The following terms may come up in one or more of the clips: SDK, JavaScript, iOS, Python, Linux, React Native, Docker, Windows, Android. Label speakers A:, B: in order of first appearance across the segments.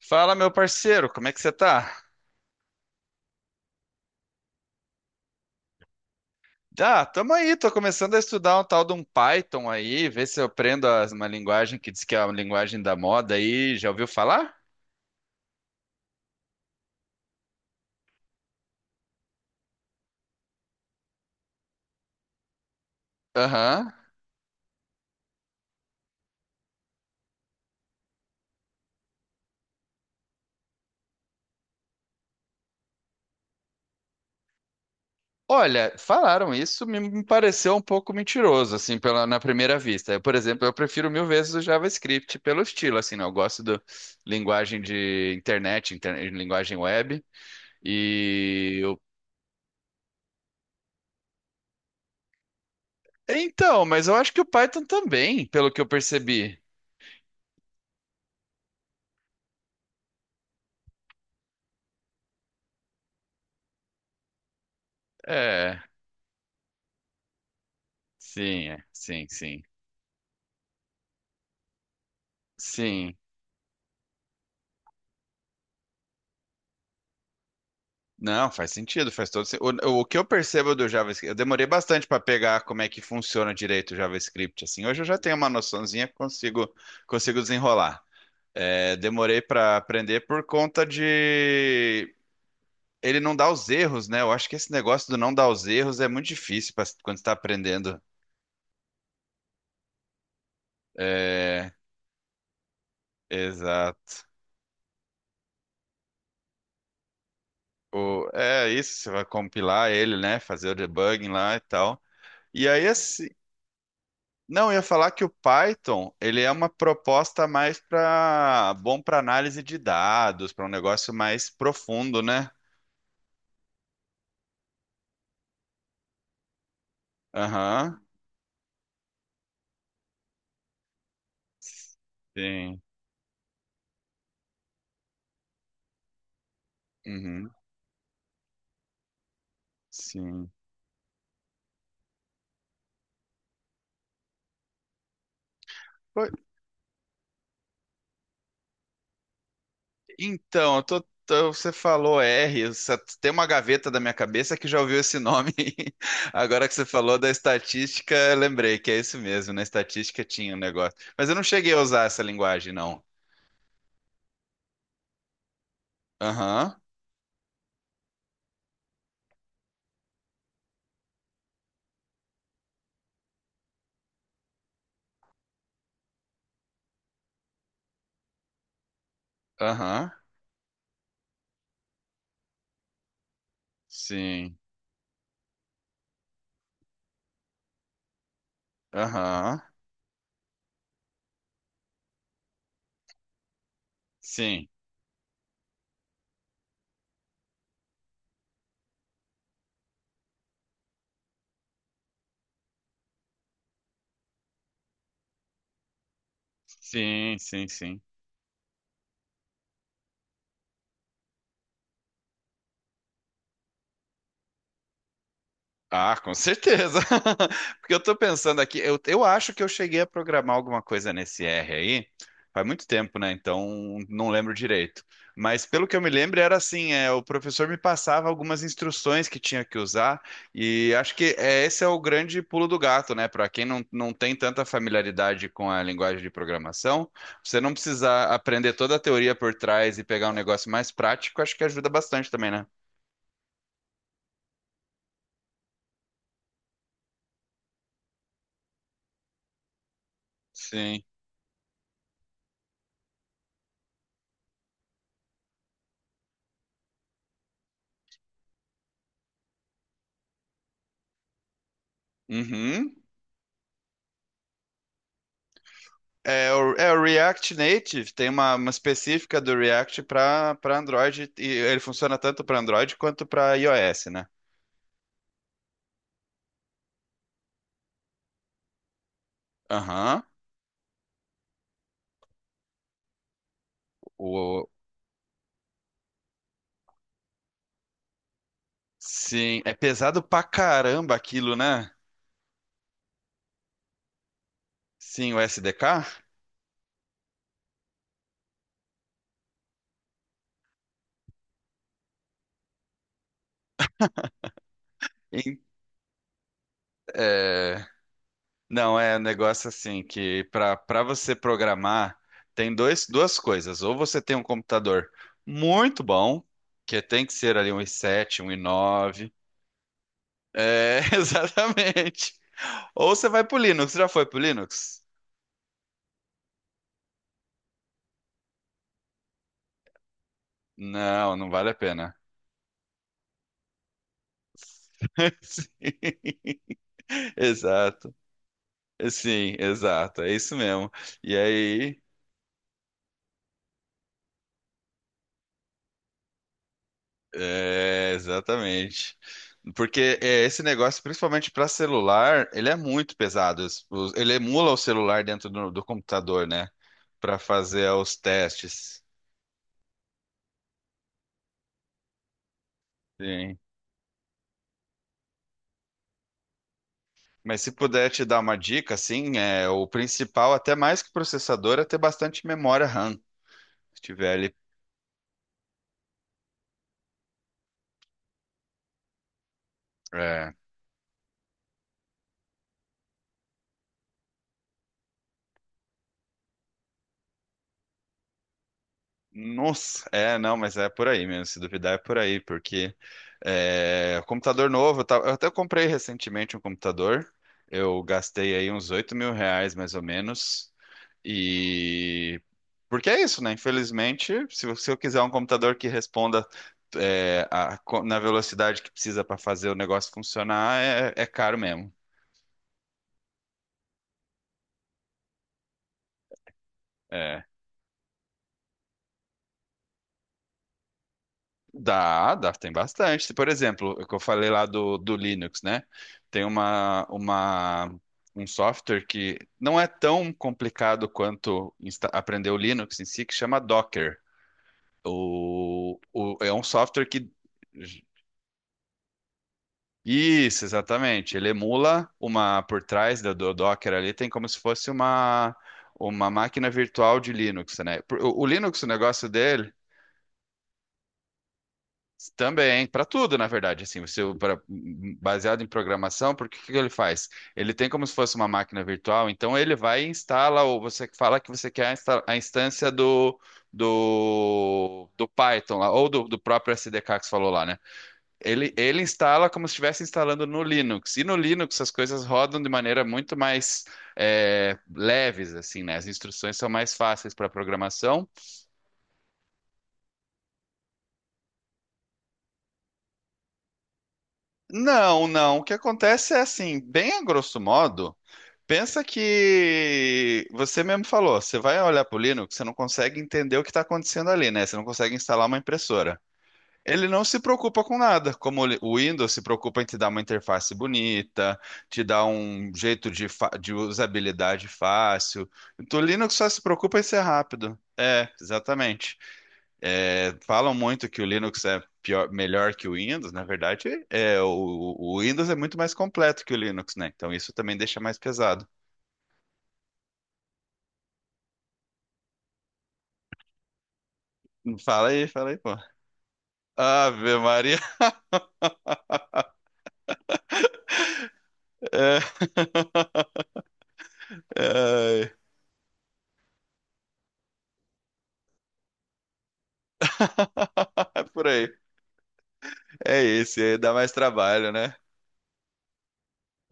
A: Fala, meu parceiro, como é que você tá? Tamo aí, tô começando a estudar um tal de um Python aí, ver se eu aprendo uma linguagem que diz que é uma linguagem da moda aí, já ouviu falar? Aham. Olha, falaram isso, me pareceu um pouco mentiroso, assim, na primeira vista. Eu, por exemplo, eu prefiro mil vezes o JavaScript pelo estilo, assim, né? Eu gosto da linguagem de internet, linguagem web, e... eu- Então, mas eu acho que o Python também, pelo que eu percebi. É... Sim, é. Sim, sim. Sim. Não, faz sentido, faz todo sentido. O que eu percebo do JavaScript, eu demorei bastante para pegar como é que funciona direito o JavaScript, assim. Hoje eu já tenho uma noçãozinha, consigo desenrolar. É, demorei para aprender por conta de ele não dar os erros, né? Eu acho que esse negócio do não dar os erros é muito difícil pra, quando você está aprendendo. É, exato. É isso, você vai compilar ele, né? Fazer o debugging lá e tal. E aí, assim, não, eu ia falar que o Python, ele é uma proposta mais para bom para análise de dados, para um negócio mais profundo, né? Aham. Sim. Uhum. Sim. Pô, então, eu você falou R, eu tem uma gaveta da minha cabeça que já ouviu esse nome. Agora que você falou da estatística, eu lembrei que é isso mesmo, na estatística tinha um negócio. Mas eu não cheguei a usar essa linguagem, não. Aham, aham, sim, aham, sim. Sim, sim, sim. Ah, com certeza. Porque eu tô pensando aqui, eu acho que eu cheguei a programar alguma coisa nesse R aí. Faz muito tempo, né? Então não lembro direito. Mas pelo que eu me lembro, era assim, é, o professor me passava algumas instruções que tinha que usar, e acho que é, esse é o grande pulo do gato, né? Para quem não tem tanta familiaridade com a linguagem de programação, você não precisar aprender toda a teoria por trás e pegar um negócio mais prático, acho que ajuda bastante também, né? Sim, uhum. É, é o React Native, tem uma específica do React para Android, e ele funciona tanto para Android quanto para iOS, né? Aham. O, sim, é pesado pra caramba aquilo, né? Sim, o SDK? Em- é, não, é um negócio assim que para você programar tem duas coisas. Ou você tem um computador muito bom, que tem que ser ali um i7, um i9. É, exatamente. Ou você vai pro Linux. Você já foi pro Linux? Não, não vale a pena. Sim, exato. Sim, exato. É isso mesmo. E aí, é, exatamente. Porque é, esse negócio, principalmente para celular, ele é muito pesado. Ele emula o celular dentro do, do computador, né? Para fazer os testes. Sim. Mas se puder te dar uma dica, assim, é, o principal, até mais que processador, é ter bastante memória RAM. Se tiver ali. É, nossa, é, não, mas é por aí mesmo. Se duvidar, é por aí, porque é, computador novo, tá, eu até comprei recentemente um computador. Eu gastei aí uns R$ 8.000, mais ou menos. E porque é isso, né? Infelizmente, se eu quiser um computador que responda é, na velocidade que precisa para fazer o negócio funcionar, é, é caro mesmo. É. Dá, dá, tem bastante. Se, por exemplo, o que eu falei lá do, do Linux, né? Tem uma, uma, um software que não é tão complicado quanto aprender o Linux em si, que chama Docker. É um software que. Isso, exatamente. Ele emula uma por trás do Docker ali, tem como se fosse uma máquina virtual de Linux, né? O Linux, o negócio dele também, para tudo, na verdade, assim, você baseado em programação, porque que ele faz? Ele tem como se fosse uma máquina virtual, então ele vai e instala, ou você fala que você quer a a instância do, do, do Python lá, ou do, do próprio SDK que você falou lá, né? Ele instala como se estivesse instalando no Linux, e no Linux as coisas rodam de maneira muito mais é, leves, assim, né? As instruções são mais fáceis para programação. Não, não, o que acontece é assim, bem a grosso modo. Pensa que você mesmo falou, você vai olhar para o Linux, você não consegue entender o que está acontecendo ali, né? Você não consegue instalar uma impressora. Ele não se preocupa com nada, como o o Windows se preocupa em te dar uma interface bonita, te dar um jeito de, de usabilidade fácil. Então, o Linux só se preocupa em ser rápido. É, exatamente. É, falam muito que o Linux é melhor que o Windows, na verdade, é, o Windows é muito mais completo que o Linux, né? Então isso também deixa mais pesado. Fala aí, pô. Ave Maria. É, é, é por aí. É esse, aí dá mais trabalho, né?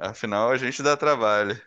A: Afinal, a gente dá trabalho.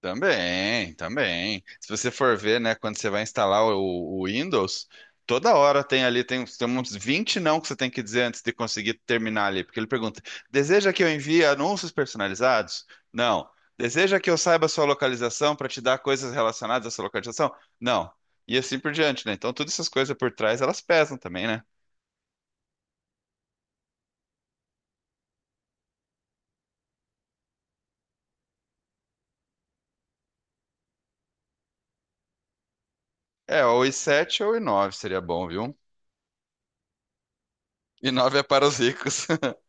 A: Também, também. Se você for ver, né, quando você vai instalar o Windows, toda hora tem ali, tem, tem uns 20 não que você tem que dizer antes de conseguir terminar ali, porque ele pergunta: deseja que eu envie anúncios personalizados? Não. Deseja que eu saiba a sua localização para te dar coisas relacionadas à sua localização? Não. E assim por diante, né? Então, todas essas coisas por trás, elas pesam também, né? É, ou i sete ou i nove seria bom, viu? I nove é para os ricos.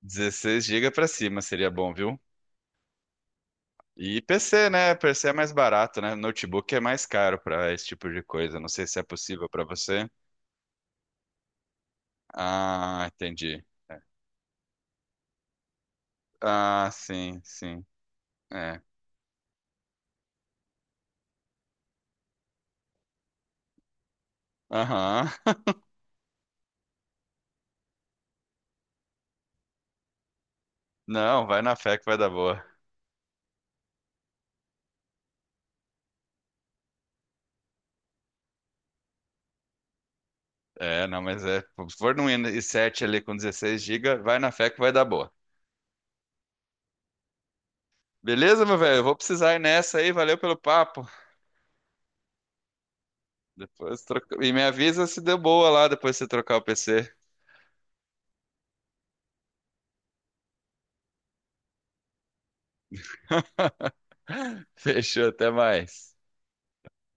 A: 16 gigas para cima seria bom, viu? E P C, né? P C é mais barato, né? Notebook é mais caro para esse tipo de coisa. Não sei se é possível para você. Ah, entendi. Ah, sim, sim. É. Aham. Não, vai na fé que vai dar boa. É, não, mas é. Se for num i7 ali com 16 GB, vai na fé que vai dar boa. Beleza, meu velho? Eu vou precisar ir nessa aí. Valeu pelo papo. Depois troca... E me avisa se deu boa lá depois de você trocar o P C. Fechou, até mais.